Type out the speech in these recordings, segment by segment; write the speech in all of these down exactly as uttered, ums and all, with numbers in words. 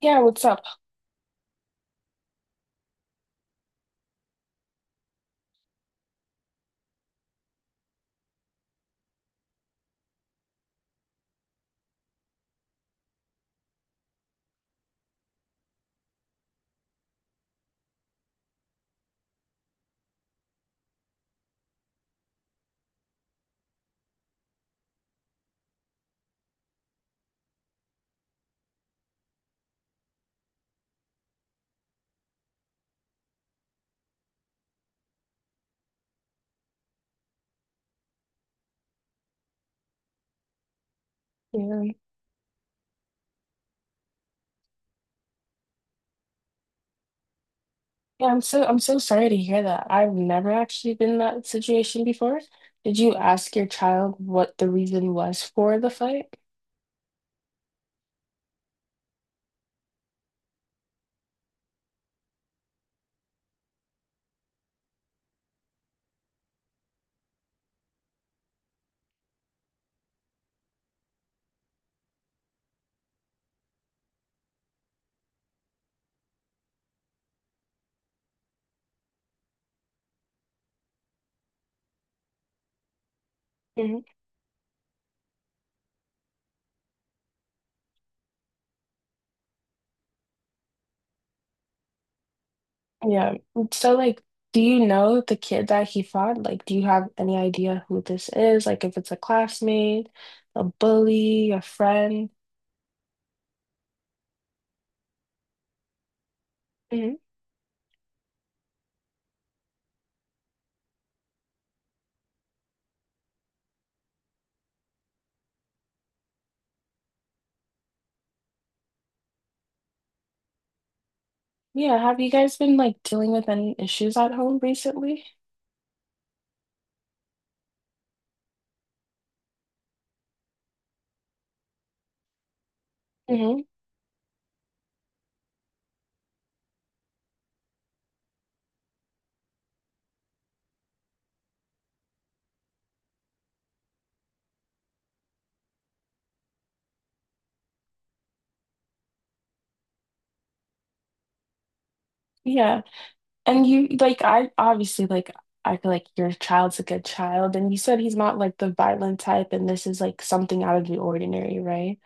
Yeah, what's up? Yeah. Yeah, I'm so I'm so sorry to hear that. I've never actually been in that situation before. Did you ask your child what the reason was for the fight? Mhm. Yeah. So like, do you know the kid that he fought? Like, do you have any idea who this is? Like, if it's a classmate, a bully, a friend? Mhm. Yeah. Have you guys been like dealing with any issues at home recently? Hmm. Yeah. And you like I obviously like I feel like your child's a good child, and you said he's not like the violent type and this is like something out of the ordinary, right?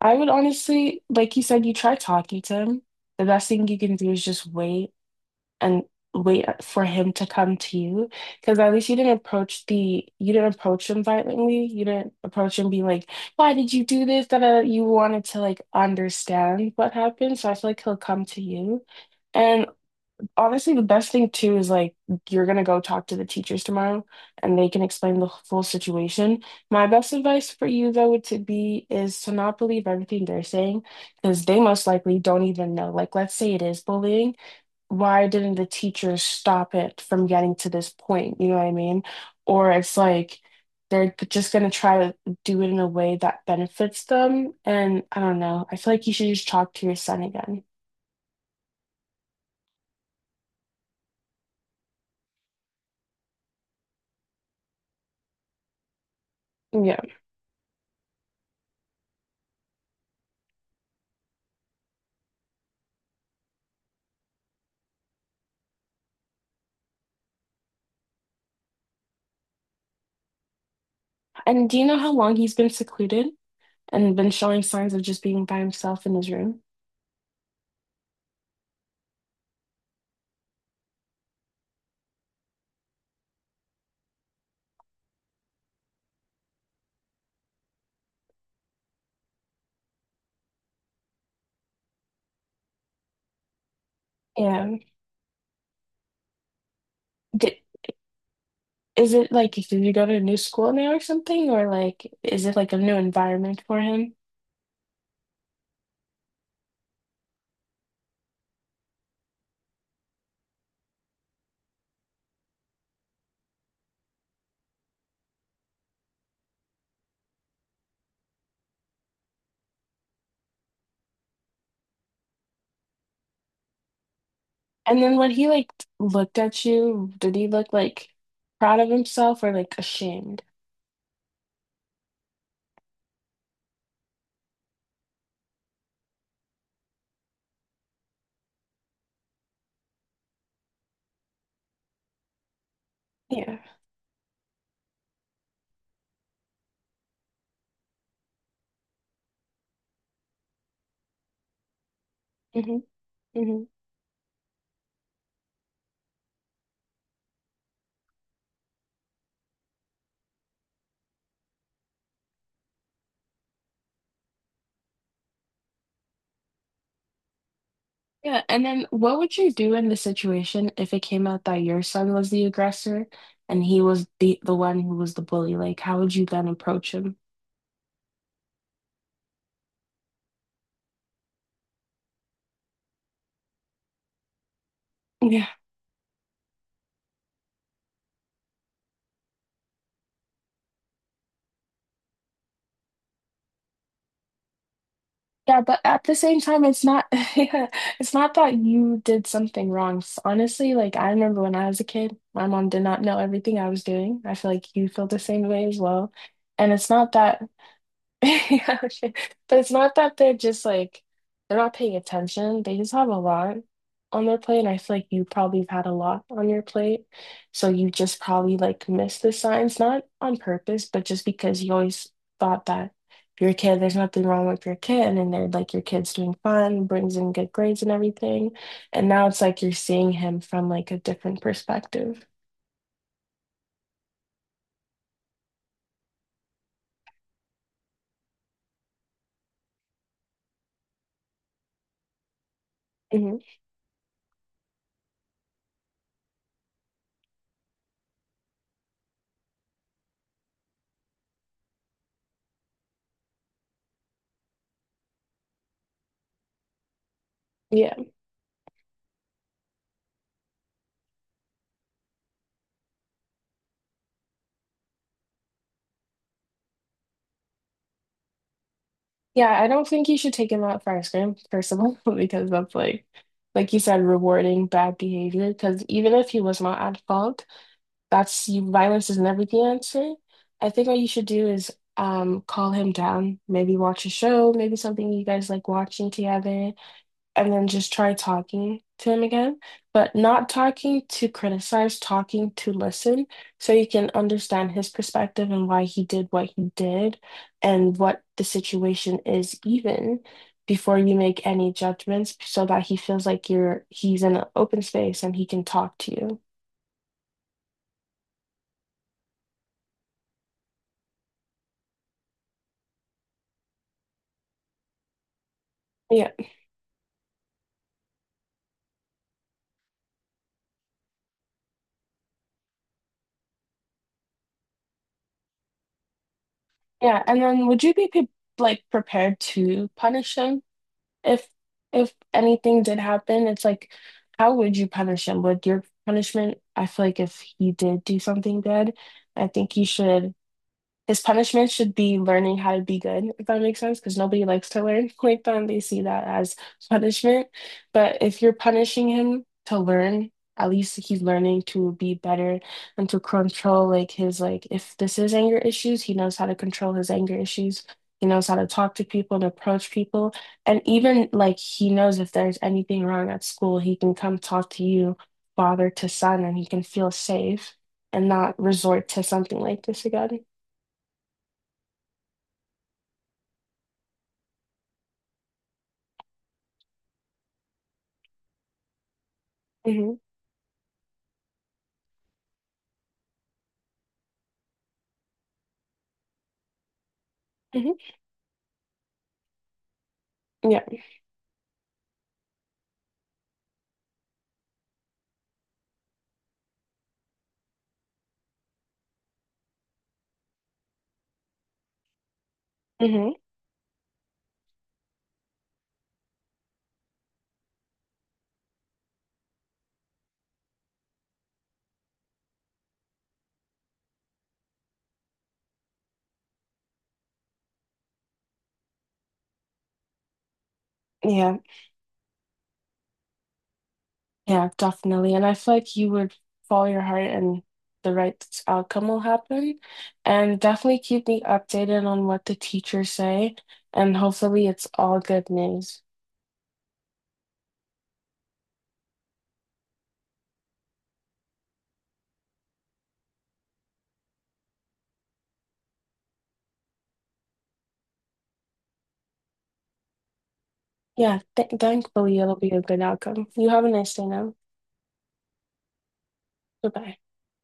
I would honestly like you said, you try talking to him. The best thing you can do is just wait and wait for him to come to you, because at least you didn't approach the you didn't approach him violently. You didn't approach him being like, "Why did you do this?" That uh, You wanted to like understand what happened. So I feel like he'll come to you. And honestly, the best thing too is like you're gonna go talk to the teachers tomorrow and they can explain the full situation. My best advice for you though would to be is to not believe everything they're saying, because they most likely don't even know. Like let's say it is bullying. Why didn't the teachers stop it from getting to this point? You know what I mean? Or it's like they're just gonna try to do it in a way that benefits them. And I don't know. I feel like you should just talk to your son again. Yeah. And do you know how long he's been secluded and been showing signs of just being by himself in his room? Yeah. Did, is it like, did you go to a new school now or something? Or like, is it like a new environment for him? And then when he like looked at you, did he look like proud of himself or like ashamed? Yeah. Hmm. Hmm. Yeah. And then what would you do in the situation if it came out that your son was the aggressor and he was the the one who was the bully? Like, how would you then approach him? Yeah. Yeah, but at the same time, it's not, yeah, it's not that you did something wrong. S- Honestly, like I remember when I was a kid, my mom did not know everything I was doing. I feel like you feel the same way as well. And it's not that. Yeah, sure. But it's not that they're just like they're not paying attention. They just have a lot on their plate, and I feel like you probably have had a lot on your plate, so you just probably like missed the signs, not on purpose, but just because you always thought that if you're a kid, there's nothing wrong with your kid, and then they're like your kid's doing fine, brings in good grades and everything, and now it's like you're seeing him from like a different perspective. Hmm. Yeah, I don't think you should take him out for ice cream, first of all, because that's like, like you said, rewarding bad behavior. Because even if he was not at fault, that's you, violence is never the answer. I think what you should do is um call him down, maybe watch a show, maybe something you guys like watching together, and then just try talking to him again, but not talking to criticize, talking to listen, so you can understand his perspective and why he did what he did and what the situation is even before you make any judgments, so that he feels like you're he's in an open space and he can talk to you. Yeah. Yeah, and then would you be pre like prepared to punish him? if if anything did happen, it's like, how would you punish him? Would your punishment, I feel like if he did do something bad, I think you should his punishment should be learning how to be good, if that makes sense, because nobody likes to learn like that and they see that as punishment. But if you're punishing him to learn, at least he's learning to be better and to control like his like if this is anger issues, he knows how to control his anger issues. He knows how to talk to people and approach people. And even like he knows if there's anything wrong at school, he can come talk to you, father to son, and he can feel safe and not resort to something like this again. Mhm. Hmm. Yeah. Hmm. Yeah. Yeah, definitely. And I feel like you would follow your heart and the right outcome will happen. And definitely keep me updated on what the teachers say. And hopefully it's all good news. Yeah, th thankfully it'll be a good outcome. You have a nice day now. Goodbye.